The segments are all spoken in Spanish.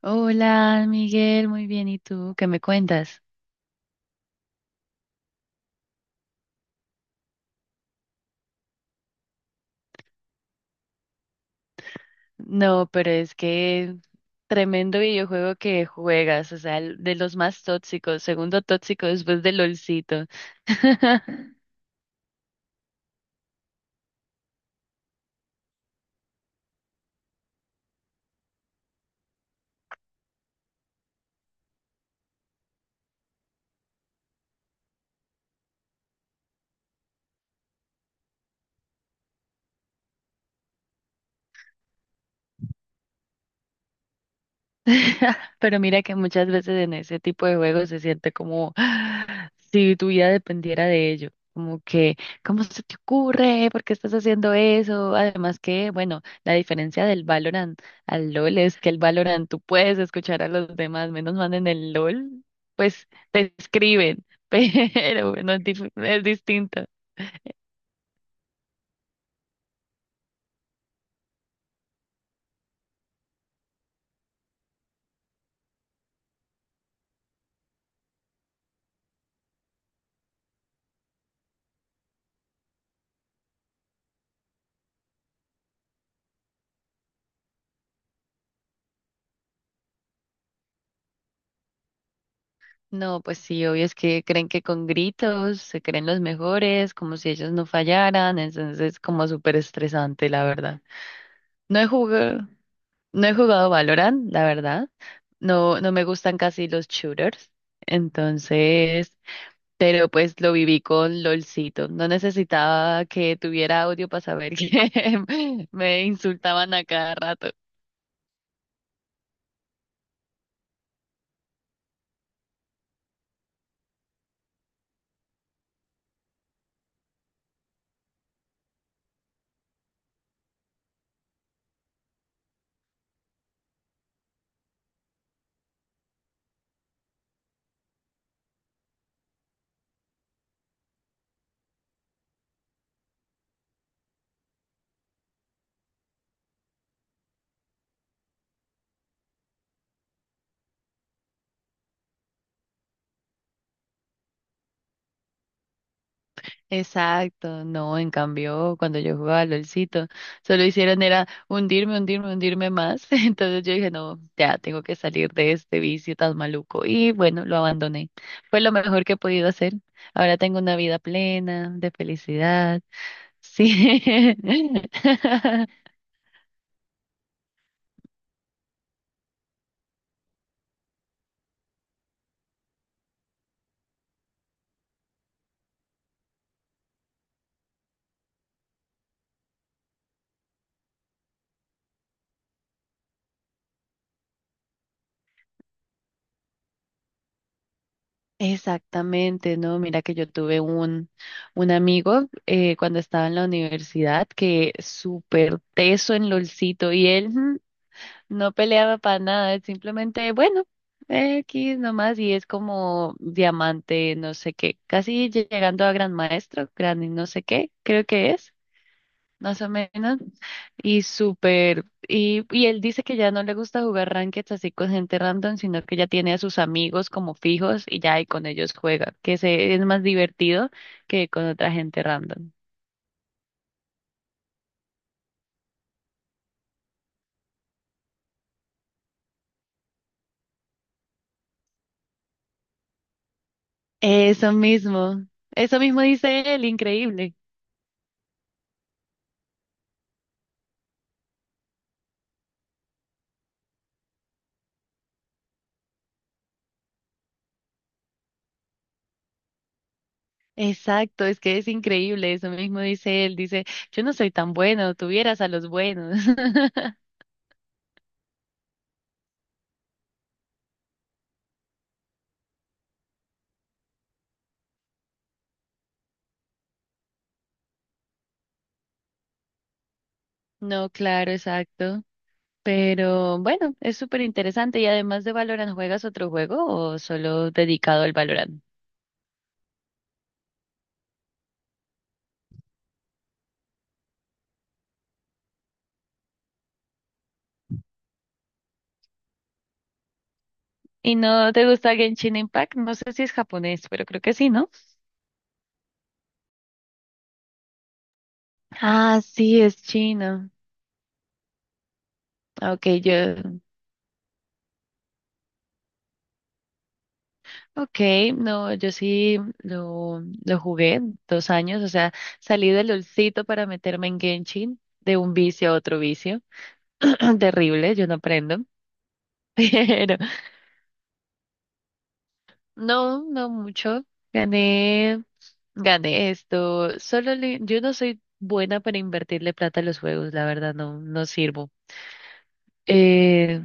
Hola, Miguel, muy bien. ¿Y tú? ¿Qué me cuentas? No, pero es que tremendo videojuego que juegas, o sea, de los más tóxicos, segundo tóxico después del LOLcito. Pero mira que muchas veces en ese tipo de juegos se siente como "Ah, si tu vida dependiera de ello. Como que, ¿cómo se te ocurre? ¿Por qué estás haciendo eso? Además que, bueno, la diferencia del Valorant al LOL es que el Valorant tú puedes escuchar a los demás, menos mal en el LOL, pues te escriben, pero bueno, es distinto. No, pues sí, obvio es que creen que con gritos se creen los mejores, como si ellos no fallaran, entonces como súper estresante, la verdad. No he jugado, no he jugado Valorant, la verdad. No, no me gustan casi los shooters, entonces, pero pues lo viví con LOLcito. No necesitaba que tuviera audio para saber que me insultaban a cada rato. Exacto, no, en cambio, cuando yo jugaba LOLcito, solo hicieron era hundirme, hundirme, hundirme más. Entonces yo dije, no, ya tengo que salir de este vicio tan maluco. Y bueno, lo abandoné. Fue lo mejor que he podido hacer. Ahora tengo una vida plena, de felicidad. Sí. Exactamente, no, mira que yo tuve un amigo cuando estaba en la universidad que súper teso en LOLcito y él. No peleaba para nada, simplemente, bueno, X nomás, y es como diamante, no sé qué, casi llegando a gran maestro, gran y no sé qué, creo que es, más o menos, y súper, y él dice que ya no le gusta jugar ranked así con gente random, sino que ya tiene a sus amigos como fijos y ya, y con ellos juega, que se, es más divertido que con otra gente random. Eso mismo, eso mismo dice él, increíble. Exacto, es que es increíble, eso mismo dice él, dice, yo no soy tan bueno, tuvieras a los buenos. No, claro, exacto. Pero bueno, es súper interesante y además de Valorant, ¿juegas otro juego o solo dedicado al Valorant? ¿Y no te gusta Genshin Impact? No sé si es japonés, pero creo que sí, ¿no? Ah, sí, es chino. Ok, yo. Ok, no, yo sí lo jugué 2 años, o sea, salí del olcito para meterme en Genshin, de un vicio a otro vicio, terrible, yo no aprendo, pero no, no mucho, gané, gané esto, yo no soy buena para invertirle plata a los juegos, la verdad, no, no sirvo. Eh,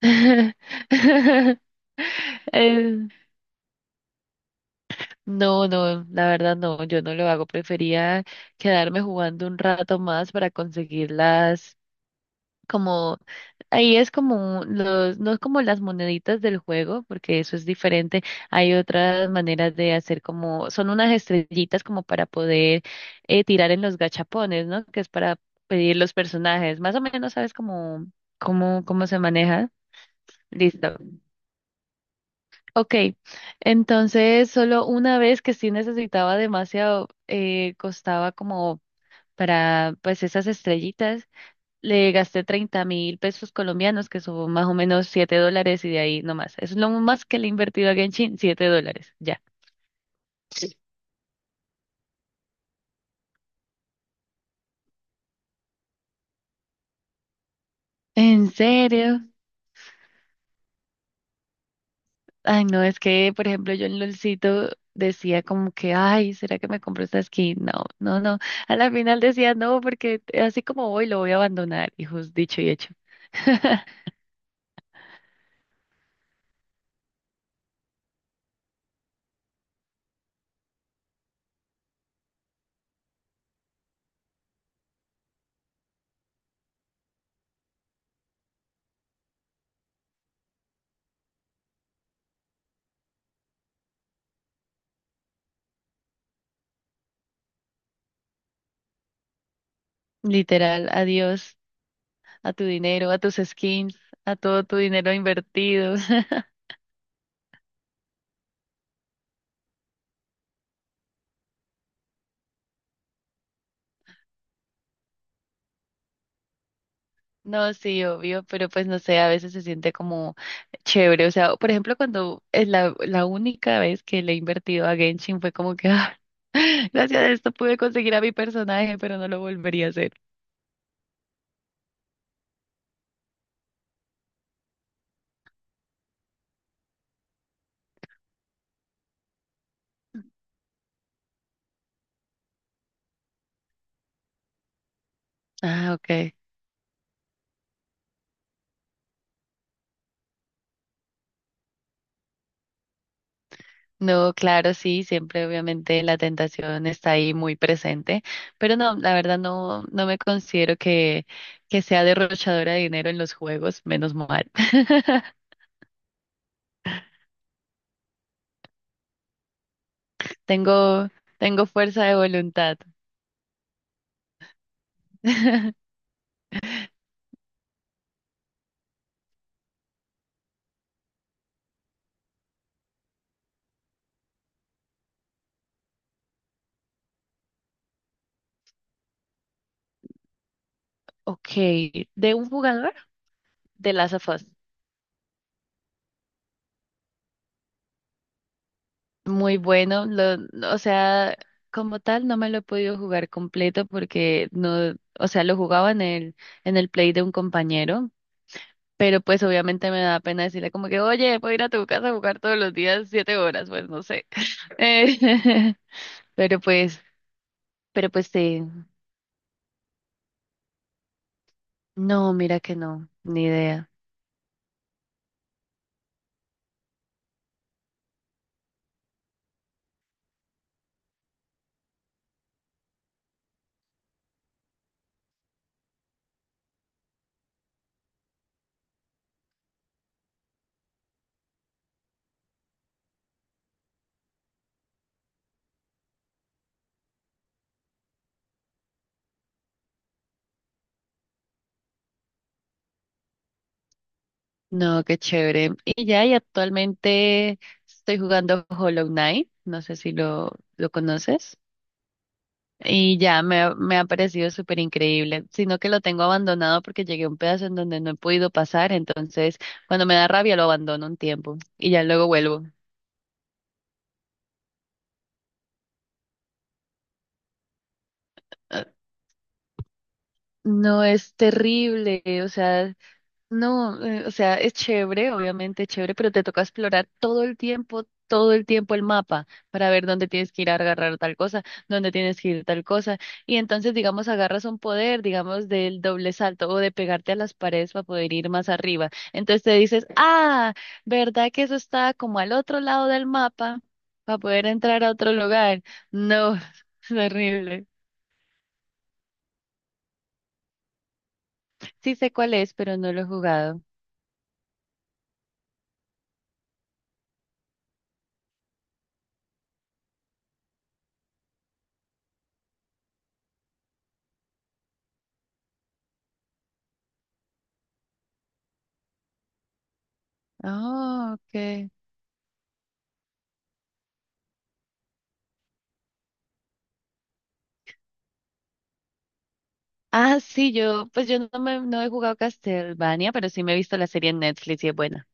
eh, no, no, la verdad no, yo no lo hago. Prefería quedarme jugando un rato más para conseguir las, como, ahí es como los, no es como las moneditas del juego, porque eso es diferente. Hay otras maneras de hacer como, son unas estrellitas como para poder tirar en los gachapones, ¿no? Que es para pedir los personajes. Más o menos sabes cómo se maneja. Listo. Ok, entonces solo una vez que sí necesitaba demasiado, costaba como para pues esas estrellitas, le gasté 30.000 pesos colombianos, que son más o menos 7 dólares y de ahí nomás. Es lo más que le he invertido a Genshin, 7 dólares, ya. ¿En serio? Ay, no, es que, por ejemplo, yo en LOLcito decía como que, ay, ¿será que me compro esta skin? No, no, no. A la final decía no, porque así como voy, lo voy a abandonar. Y dicho y hecho. Literal, adiós. A tu dinero, a tus skins, a todo tu dinero invertido. No, sí, obvio, pero pues no sé, a veces se siente como chévere. O sea, por ejemplo, cuando es la única vez que le he invertido a Genshin fue como que, ah, gracias a esto pude conseguir a mi personaje, pero no lo volvería a hacer. Ah, okay. No, claro, sí, siempre obviamente la tentación está ahí muy presente, pero no, la verdad no, no me considero que sea derrochadora de dinero en los juegos, menos mal. Tengo, tengo fuerza de voluntad. Ok, de un jugador de Last of Us. Muy bueno, o sea, como tal no me lo he podido jugar completo porque no, o sea, lo jugaba en el play de un compañero, pero pues obviamente me da pena decirle como que, oye, puedo ir a tu casa a jugar todos los días 7 horas, pues no sé. Eh, pero pues, pero pues sí, no, mira que no, ni idea. No, qué chévere. Y ya, y actualmente estoy jugando Hollow Knight, no sé si lo conoces. Me ha parecido súper increíble, sino que lo tengo abandonado porque llegué a un pedazo en donde no he podido pasar, entonces cuando me da rabia lo abandono un tiempo y ya luego vuelvo. Ah, no, es terrible, o sea, no, o sea, es chévere, obviamente es chévere, pero te toca explorar todo el tiempo el mapa para ver dónde tienes que ir a agarrar tal cosa, dónde tienes que ir tal cosa. Y entonces, digamos, agarras un poder, digamos, del doble salto o de pegarte a las paredes para poder ir más arriba. Entonces te dices, ah, ¿verdad que eso está como al otro lado del mapa para poder entrar a otro lugar? No, es horrible. Sí sé cuál es, pero no lo he jugado. Ah, ok. Ah, sí, yo, pues yo no me, no he jugado Castlevania, pero sí me he visto la serie en Netflix y es buena.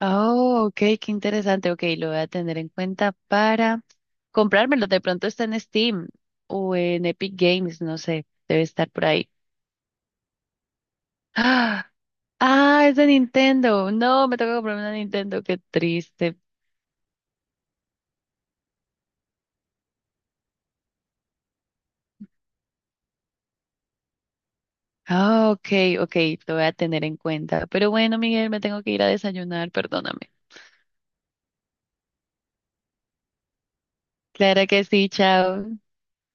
Oh, ok, qué interesante. Ok, lo voy a tener en cuenta para comprármelo. De pronto está en Steam o en Epic Games, no sé, debe estar por ahí. Ah, ah, es de Nintendo. No, me toca comprarme una Nintendo, qué triste. Ah, ok, ok, lo voy a tener en cuenta. Pero bueno, Miguel, me tengo que ir a desayunar, perdóname. Claro que sí, chao.